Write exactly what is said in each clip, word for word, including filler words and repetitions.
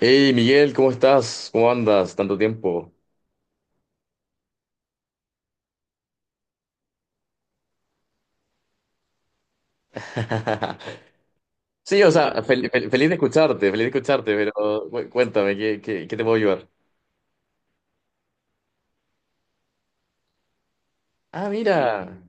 Hey Miguel, ¿cómo estás? ¿Cómo andas? Tanto tiempo. Sí, o sea, fel- fel- feliz de escucharte, feliz de escucharte, pero cu- cuéntame, ¿qué, qué, qué te puedo ayudar? Ah, mira.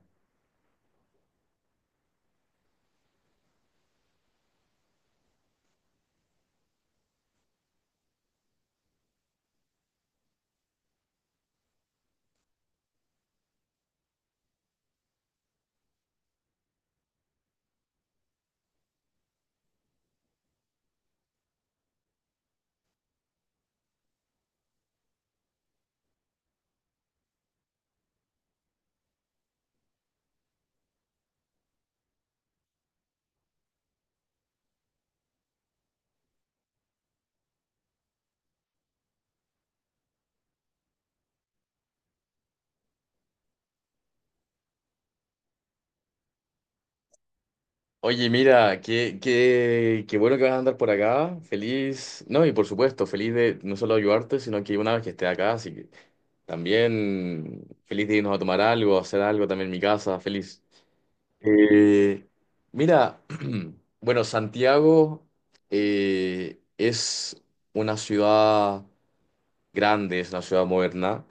Oye, mira, qué, qué, qué bueno que vas a andar por acá. Feliz. No, y por supuesto, feliz de no solo ayudarte, sino que una vez que esté acá, así que también feliz de irnos a tomar algo, a hacer algo también en mi casa, feliz. Eh, Mira, bueno, Santiago eh, es una ciudad grande, es una ciudad moderna.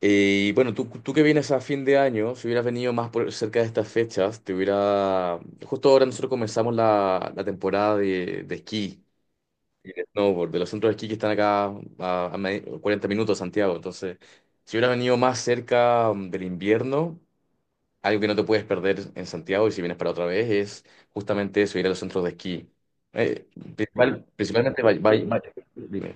Eh, y bueno, tú, tú que vienes a fin de año, si hubieras venido más por- cerca de estas fechas, te hubiera... Justo ahora nosotros comenzamos la, la temporada de, de esquí y de snowboard, de los centros de esquí que están acá a, a me- cuarenta minutos de Santiago. Entonces, si hubieras venido más cerca mm, del invierno... Algo que no te puedes perder en Santiago y si vienes para otra vez es justamente eso, ir a los centros de esquí. Eh, principal- Principalmente, Valle- Valle- Valle- dime.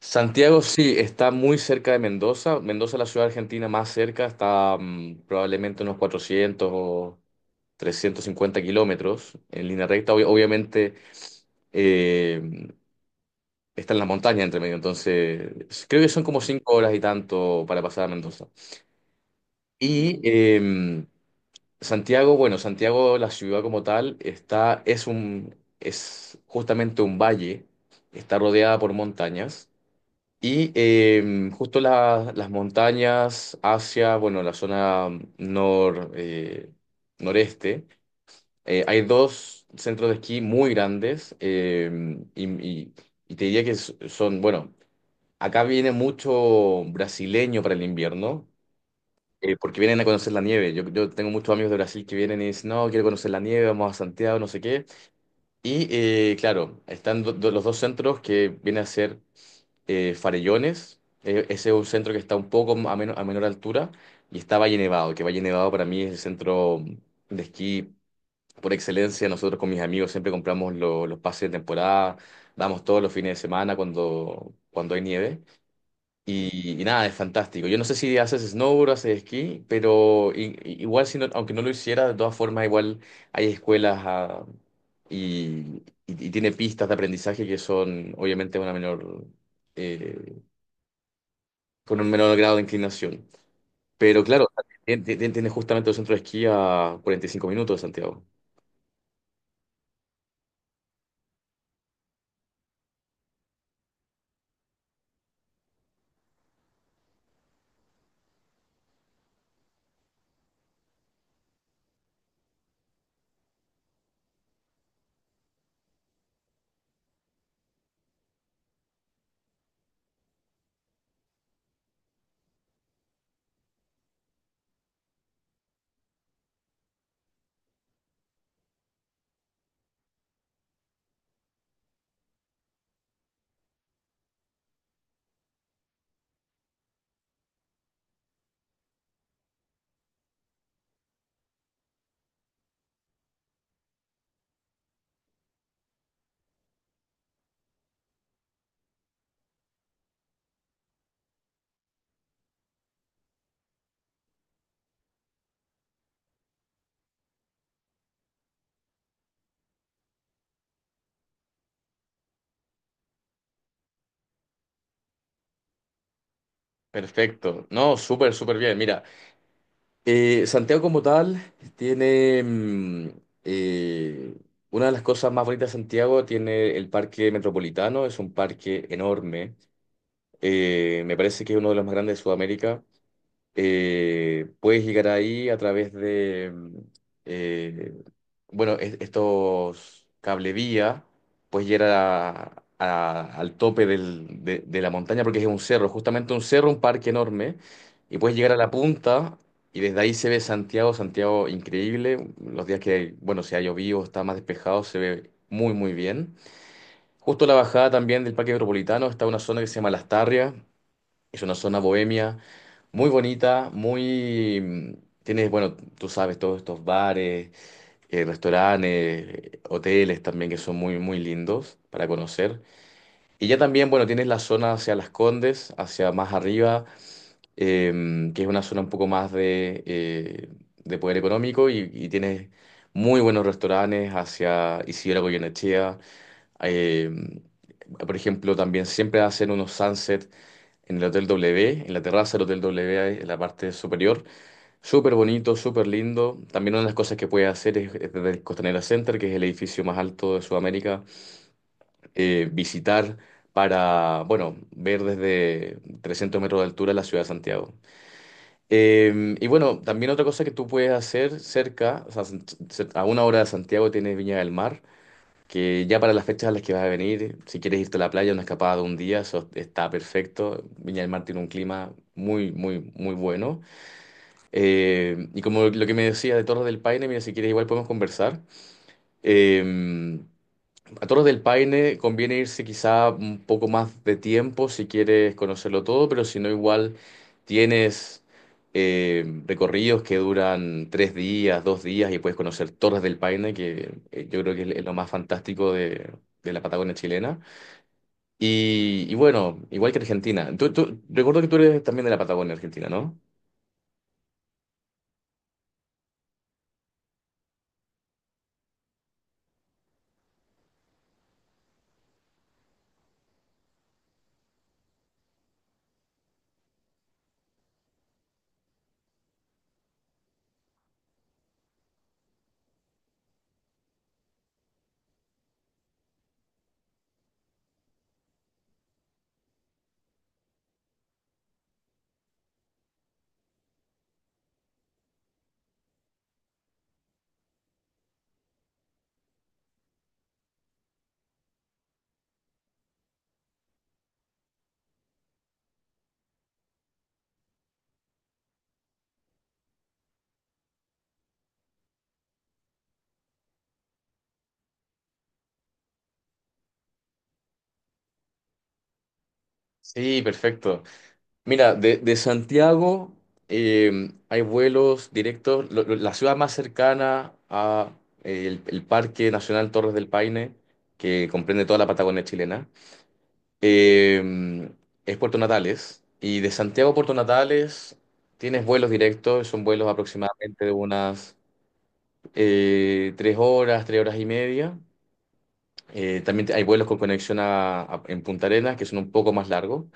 Santiago sí está muy cerca de Mendoza. Mendoza es la ciudad argentina más cerca, está mm, probablemente unos cuatrocientos o trescientos cincuenta kilómetros en línea recta. Ob- obviamente eh, está en las montañas entre medio, entonces creo que son como cinco horas y tanto para pasar a Mendoza. Y em, Santiago, bueno, Santiago, la ciudad como tal, está, es un, es justamente un valle, está rodeada por montañas y eh, justo la- las montañas hacia, bueno, la zona nor, eh, noreste, eh, hay dos centros de esquí muy grandes, eh, y, y- y te diría que s- son, bueno, acá viene mucho brasileño para el invierno, eh, porque vienen a conocer la nieve. Yo, yo tengo muchos amigos de Brasil que vienen y dicen, no, quiero conocer la nieve, vamos a Santiago, no sé qué. Y eh, claro, están do- do- los dos centros que vienen a ser, eh, Farellones. Eh, ese es un centro que está un poco a, men- a menor altura. Y está Valle Nevado, que Valle Nevado para mí es el centro de esquí por excelencia. Nosotros con mis amigos siempre compramos lo- los pases de temporada, damos todos los fines de semana cuando, cuando hay nieve. Y, y nada, es fantástico. Yo no sé si haces snowboard, haces esquí, pero i- i- igual, si no- aunque no lo hiciera, de todas formas, igual hay escuelas, ah, y, y- y tiene pistas de aprendizaje que son, obviamente, una menor, eh, con un menor grado de inclinación. Pero claro, tien- tien- tienes justamente el centro de esquí a cuarenta y cinco minutos de Santiago. Perfecto. No, súper, súper bien. Mira, Eh, Santiago como tal tiene mm, eh, una de las cosas más bonitas de Santiago, tiene el Parque Metropolitano, es un parque enorme. Eh, me parece que es uno de los más grandes de Sudamérica. Eh, puedes llegar ahí a través de, mm, eh, bueno, es- estos cablevía, puedes llegar a- a- al tope del- de, de la montaña, porque es un cerro, justamente un cerro, un parque enorme, y puedes llegar a la punta y desde ahí se ve Santiago, Santiago increíble, los días que, bueno, si ha llovido, o está más despejado, se ve muy, muy bien. Justo a la bajada también del Parque Metropolitano está una zona que se llama Las Tarrias, es una zona bohemia muy bonita, muy... mm, Tienes, bueno, tú sabes, todos estos bares, eh, restaurantes, eh, hoteles también que son muy, muy lindos para conocer. Y ya también, bueno, tienes la zona hacia Las Condes, hacia más arriba, em, que es una zona un poco más de, eh, de poder económico, y, y tienes muy buenos restaurantes hacia Isidora Goyenechea. em, por ejemplo, también siempre hacen unos sunsets en el Hotel W, en la terraza del Hotel W, ahí en la parte superior. Súper bonito, súper lindo. También una de las cosas que puedes hacer es es desde el Costanera Center, que es el edificio más alto de Sudamérica, eh, visitar para, bueno, ver desde trescientos metros de altura la ciudad de Santiago. Eh, y bueno, también otra cosa que tú puedes hacer cerca, o sea, a una hora de Santiago tienes Viña del Mar, que ya para las fechas a las que vas a venir, si quieres irte a la playa, una escapada de un día, eso está perfecto. Viña del Mar tiene un clima muy, muy, muy bueno. Eh, y como lo que me decía de Torres del Paine, mira, si quieres igual podemos conversar. Eh, a Torres del Paine conviene irse quizá un poco más de tiempo si quieres conocerlo todo, pero si no, igual tienes eh, recorridos que duran tres días, dos días, y puedes conocer Torres del Paine, que eh, yo creo que es es lo más fantástico de, de la Patagonia chilena. Y, y bueno, igual que Argentina. Tú, tú- recuerdo que tú eres también de la Patagonia Argentina, ¿no? Sí, perfecto. Mira, de, de Santiago em, hay vuelos directos. Lo- lo- la ciudad más cercana a eh, el, el Parque Nacional Torres del Paine, que comprende toda la Patagonia chilena, em, es Puerto Natales. Y de Santiago a Puerto Natales tienes vuelos directos, son vuelos aproximadamente de unas eh, tres horas, tres horas y media. Eh, también te- hay vuelos con conexión a, a- en Punta Arenas, que son un poco más largos.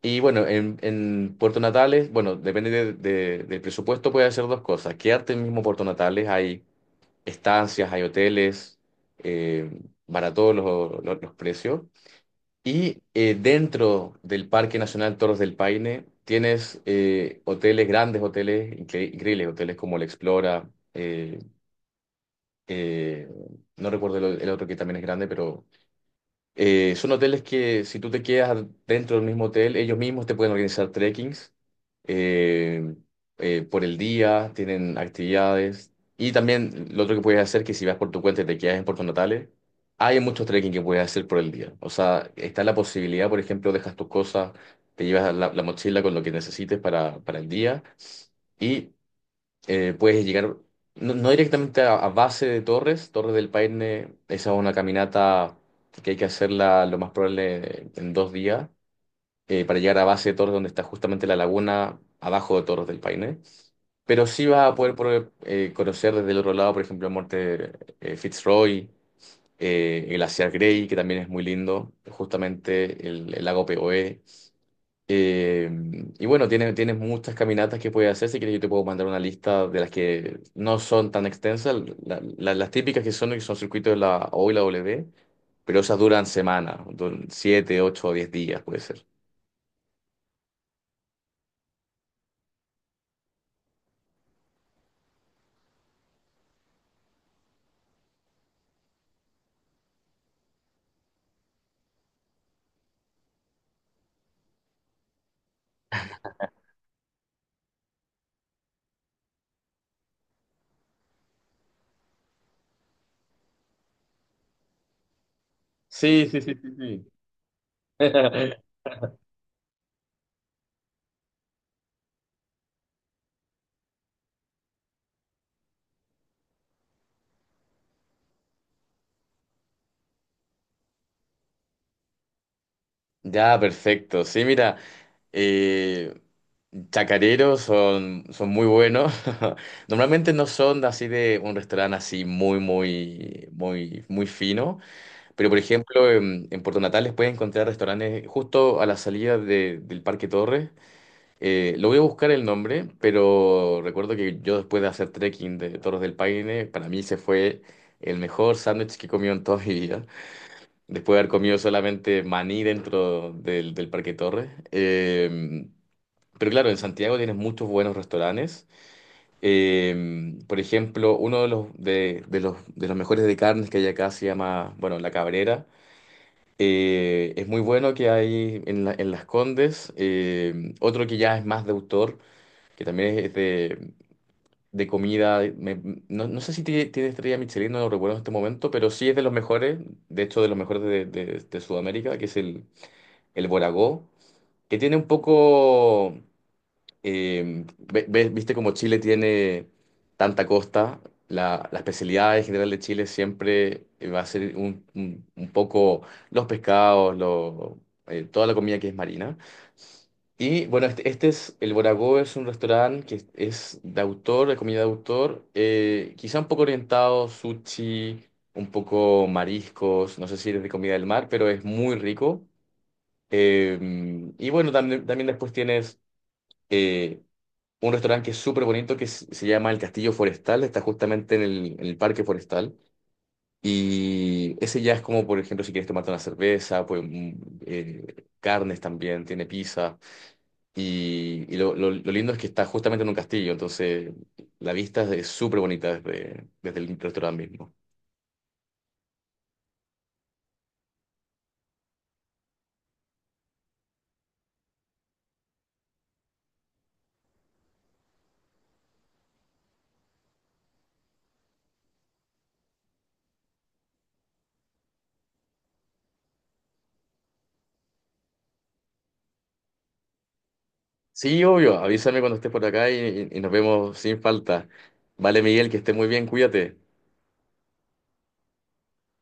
Y bueno, en, en Puerto Natales, bueno, depende de- de- del presupuesto, puede hacer dos cosas. Quedarte en mismo Puerto Natales, hay estancias, hay hoteles, eh, baratos los, los- los precios. Y eh, dentro del Parque Nacional Torres del Paine tienes eh, hoteles, grandes hoteles, incre- increíbles hoteles como el Explora, eh, eh, no recuerdo el, el otro que también es grande, pero eh, son hoteles que si tú te quedas dentro del mismo hotel, ellos mismos te pueden organizar trekkings, eh, eh, por el día, tienen actividades. Y también lo otro que puedes hacer, que si vas por tu cuenta y te quedas en Puerto Natales, hay muchos trekking que puedes hacer por el día. O sea, está la posibilidad, por ejemplo, dejas tus cosas, te llevas la, la mochila con lo que necesites para, para el día, y eh, puedes llegar, no, no directamente a, a base de Torres, Torres del Paine, esa es una caminata que hay que hacerla lo más probable en dos días, eh, para llegar a base de Torres, donde está justamente la laguna abajo de Torres del Paine. Pero sí vas a poder por- eh, conocer desde el otro lado, por ejemplo, el monte eh, Fitzroy, eh, el glaciar Grey, que también es muy lindo, justamente el, el lago Poe. Eh, y bueno, tiene- Tienes muchas caminatas que puedes hacer. Si quieres, yo te puedo mandar una lista de las que no son tan extensas. La- la- las típicas que son, que son circuitos de la O y la W, pero esas duran semanas, duran siete, ocho o diez días, puede ser. Sí, sí, sí, sí, sí. Ya, perfecto. Sí, mira, eh, chacareros son, son muy buenos. Normalmente no son así de un restaurante así muy, muy, muy, muy fino. Pero, por ejemplo, en, en Puerto Natales puedes encontrar restaurantes justo a la salida de- del Parque Torres. Eh, lo voy a buscar el nombre, pero recuerdo que yo después de hacer trekking de Torres del Paine, para mí se fue el mejor sándwich que he comido en toda mi vida. Después de haber comido solamente maní dentro del, del Parque Torres. Eh, pero claro, en Santiago tienes muchos buenos restaurantes. Eh, por ejemplo, uno de los, de, de los, de los mejores de carnes que hay acá se llama, bueno, La Cabrera. Eh, es muy bueno, que hay en, la- en Las Condes. Eh, otro que ya es más de autor, que también es de, de comida. Eh, me- no, no sé si tiene, tiene estrella Michelin, no lo recuerdo en este momento, pero sí es de los mejores, de hecho, de los mejores de, de- de Sudamérica, que es el, el Boragó, que tiene un poco. Eh, ve- ve- viste como Chile tiene tanta costa, la, la especialidad en general de Chile siempre eh, va a ser un, un- un poco los pescados, lo- eh, toda la comida que es marina. Y bueno, este, este es, el Boragó es un restaurante que es de autor, de comida de autor, eh, quizá un poco orientado, sushi, un poco mariscos, no sé si eres de comida del mar, pero es muy rico. Eh, y bueno, también, también después tienes... eh, un restaurante que es súper bonito que s- se llama El Castillo Forestal, está justamente en el, en el Parque Forestal. Y ese ya es como, por ejemplo, si quieres tomarte una cerveza, pues mm, eh, carnes también, tiene pizza. Y, y lo, lo- lo lindo es que está justamente en un castillo, entonces la vista es es súper bonita desde, desde el restaurante mismo. Sí, obvio, avísame cuando estés por acá y, y y nos vemos sin falta. Vale, Miguel, que estés muy bien, cuídate.